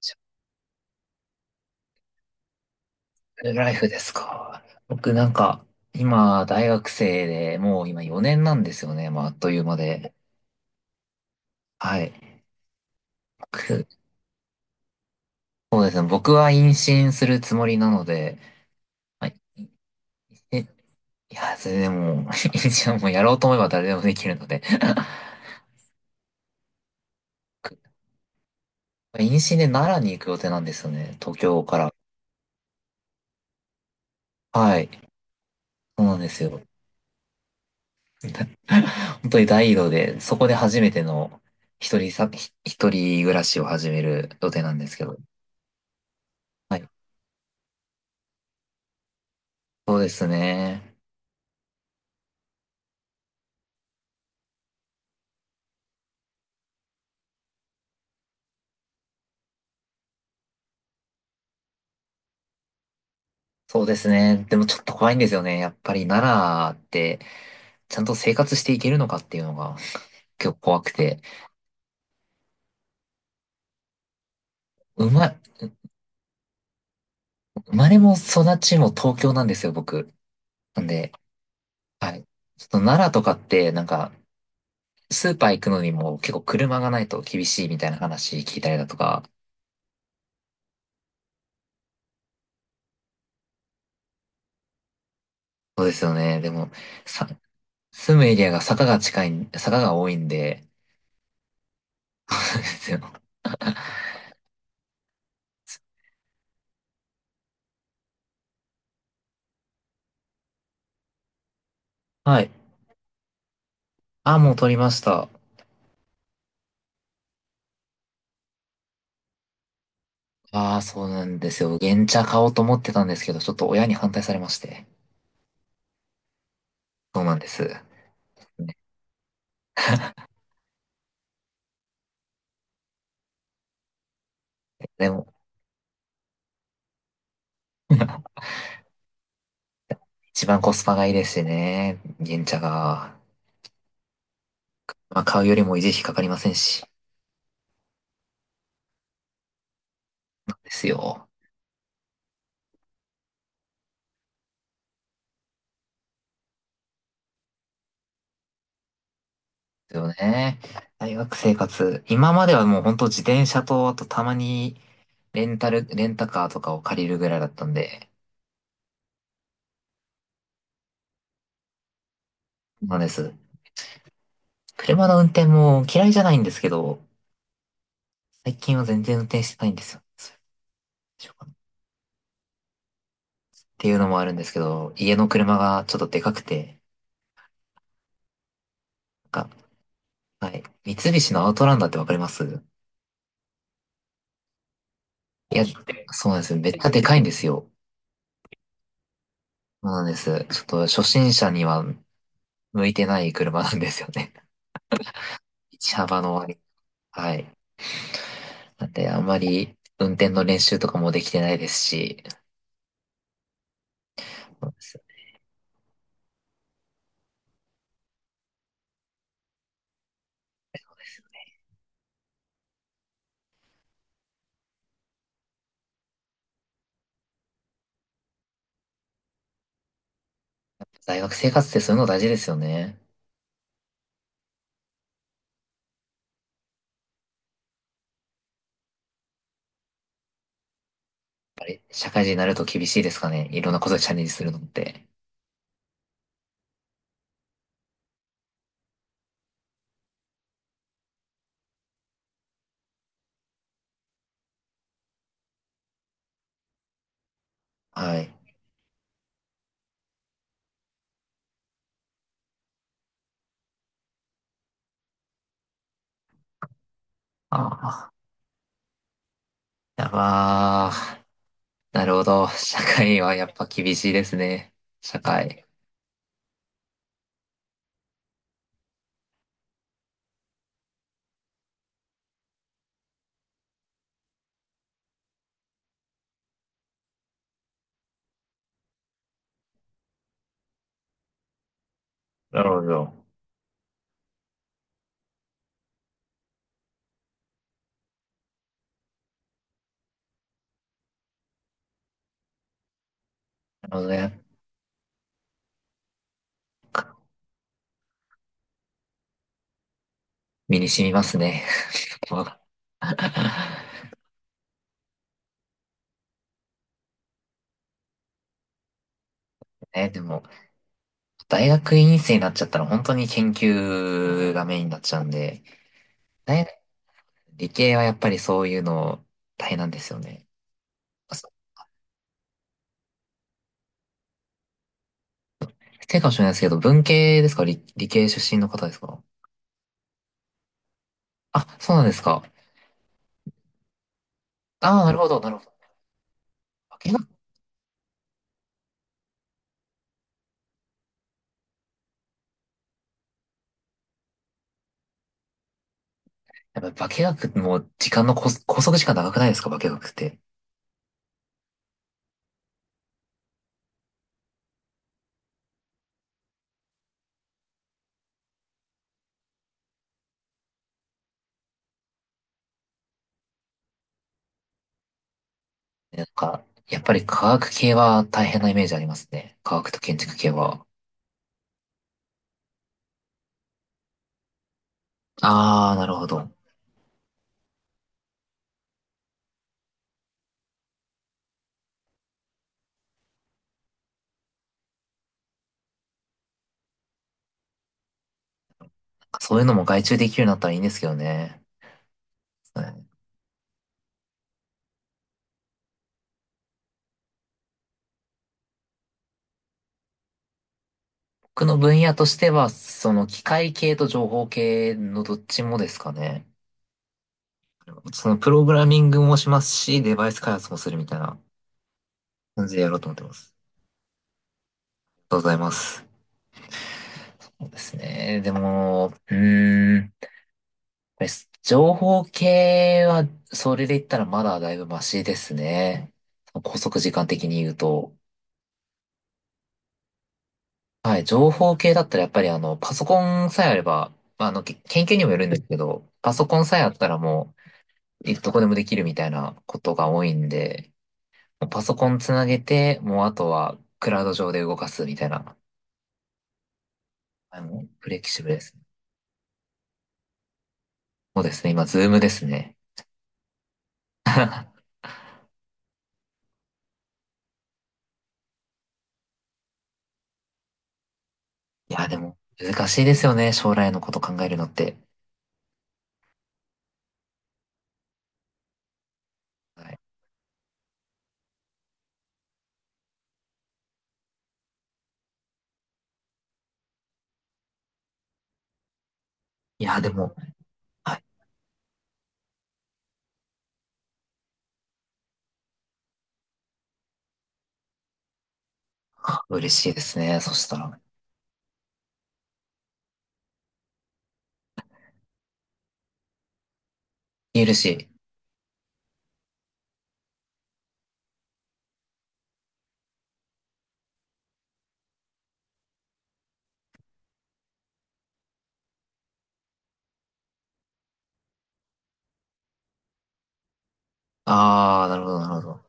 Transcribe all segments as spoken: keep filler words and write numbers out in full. シルライフですか。僕なんか、今、大学生で、もう今よねんなんですよね。まあ、あっという間で。はい。僕そうですね。僕は妊娠するつもりなので、はい。え、いや、それでも、妊娠はもうやろうと思えば誰でもできるので。妊娠で奈良に行く予定なんですよね。東京から。はい。そうなんですよ。本当に大移動で、そこで初めての一人さ、ひ一人暮らしを始める予定なんですけど。はい。そうですね。そうですね。でもちょっと怖いんですよね。やっぱり奈良って、ちゃんと生活していけるのかっていうのが結構怖くて。生ま、生まれも育ちも東京なんですよ、僕。なんで、はい。ちょっと奈良とかって、なんか、スーパー行くのにも結構車がないと厳しいみたいな話聞いたりだとか。そうですよね。でも、さ、住むエリアが坂が近いん、坂が多いんで、そうですよ。はい。あ、もう撮りました。ああ、そうなんですよ。原茶買おうと思ってたんですけど、ちょっと親に反対されまして。そうなんです。ね。でも、一番コスパがいいですしね。原茶が。まあ、買うよりも維持費かかりませんし。ですよ。ですよね。大学生活。今まではもう本当自転車と、あとたまにレンタル、レンタカーとかを借りるぐらいだったんで。そうなんです。車の運転も嫌いじゃないんですけど、最近は全然運転してないんですよ。っていうのもあるんですけど、家の車がちょっとでかくて、なんか、はい。三菱のアウトランダーってわかります？いや、そうなんですよ。めっちゃでかいんですよ。そうなんです。ちょっと初心者には向いてない車なんですよね。道幅の割り。はい。なんで、あんまり運転の練習とかもできてないですし、そうです。大学生活ってそういうの大事ですよね。社会人になると厳しいですかね。いろんなことにチャレンジするのって。はい。ああ、やばー。なるほど。社会はやっぱ厳しいですね。社会。なるほど。なるほどね。身に染みますね。え、でも、大学院生になっちゃったら本当に研究がメインになっちゃうんで、大学理系はやっぱりそういうの大変なんですよね。あ、そう。失礼かもしれないですけど、文系ですか？理、理系出身の方ですか？あ、そうなんですか。ああ、なるほど、なるほど。化学、やっぱ化学も時間のこ拘束時間長くないですか？化学って。なんか、やっぱり科学系は大変なイメージありますね。科学と建築系は。ああ、なるほど。そういうのも外注できるようになったらいいんですけどね。はい。僕の分野としては、その機械系と情報系のどっちもですかね。そのプログラミングもしますし、デバイス開発もするみたいな感じでやろうと思ってます。ありがとうございます。そうですね。でも、うーん。です。情報系は、それで言ったらまだだいぶマシですね。拘束時間的に言うと。はい、情報系だったらやっぱりあの、パソコンさえあれば、まああの、け研究にもよるんですけど、パソコンさえあったらもう、いどこでもできるみたいなことが多いんで、もうパソコンつなげて、もうあとはクラウド上で動かすみたいな、あの、フレキシブルですね。そうですね、今、ズームですね。いや、でも、難しいですよね、将来のこと考えるのって。はい。いや、でも、はい。嬉しいですね。そしたら。嬉しい。ああ、なるほど、なるほど。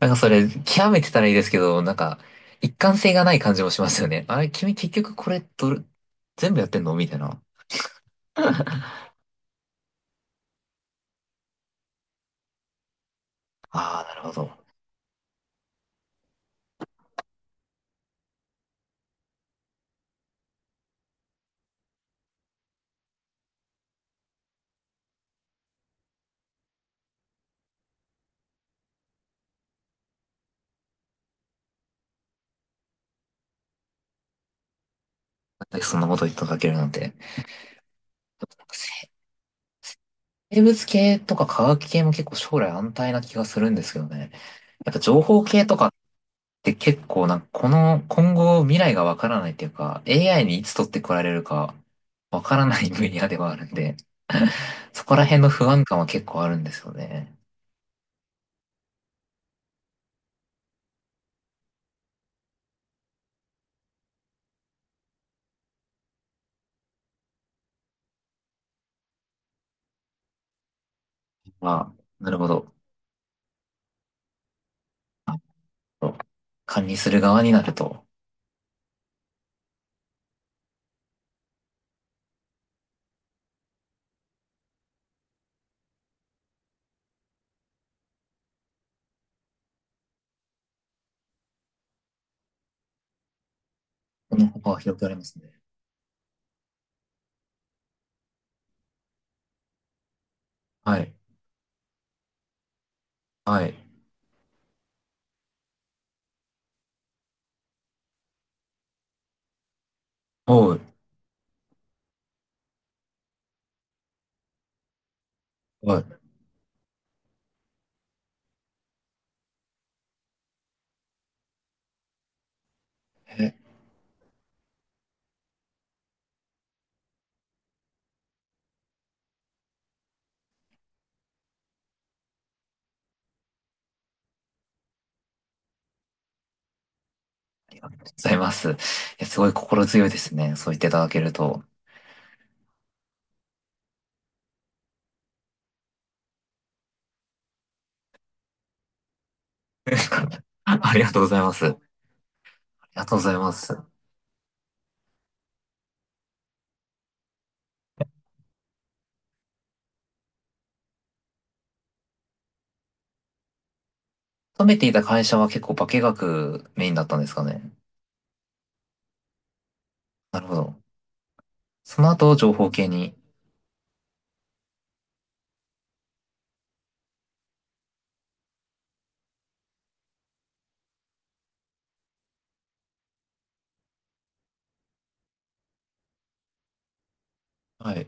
なんかそれ、極めてたらいいですけど、なんか、一貫性がない感じもしますよね。あれ、君結局これ、どれ、全部やってんのみたいな。ああ、なるほど。なんでそんなこと言っていただけるなんて。でもなんか生物系とか科学系も結構将来安泰な気がするんですけどね。やっぱ情報系とかって結構なんかこの今後未来がわからないっていうか エーアイ にいつ取ってこられるかわからない分野ではあるんでそこら辺の不安感は結構あるんですよね。あ、なるほど。管理する側になると、この幅は広くありますね。はい。はい。おう。はい。え、ありがとうございます。いや、すごい心強いですね。そう言っていただけると。ありがとうございます。ありがとうございます。勤めていた会社は結構化学メインだったんですかね。なるほど。その後、情報系に。はい。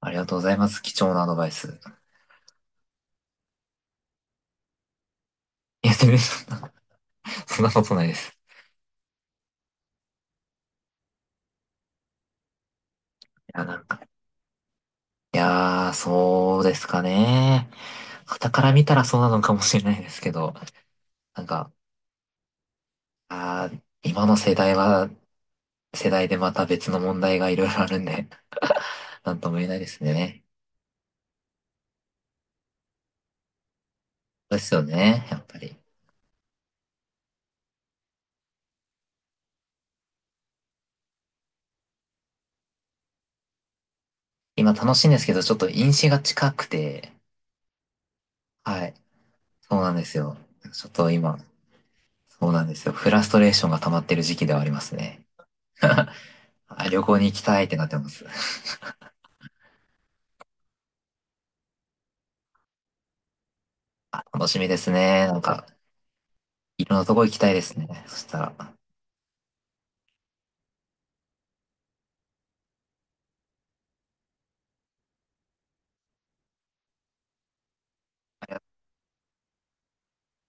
ありがとうございます。貴重なアドバイス。いや、全然そんな、そんなことないです。いや、なんかいやー、そうですかね。傍から見たらそうなのかもしれないですけど、なんか、あー、今の世代は、世代でまた別の問題がいろいろあるんで、なんとも言えないですね。そうですよね、やっぱり。今楽しいんですけど、ちょっと飲酒が近くて、はい、そうなんですよ。ちょっと今、そうなんですよ。フラストレーションが溜まってる時期ではありますね。あ、旅行に行きたいってなってます。あ、楽しみですね。なんか、いろんなとこ行きたいですね。そしたら。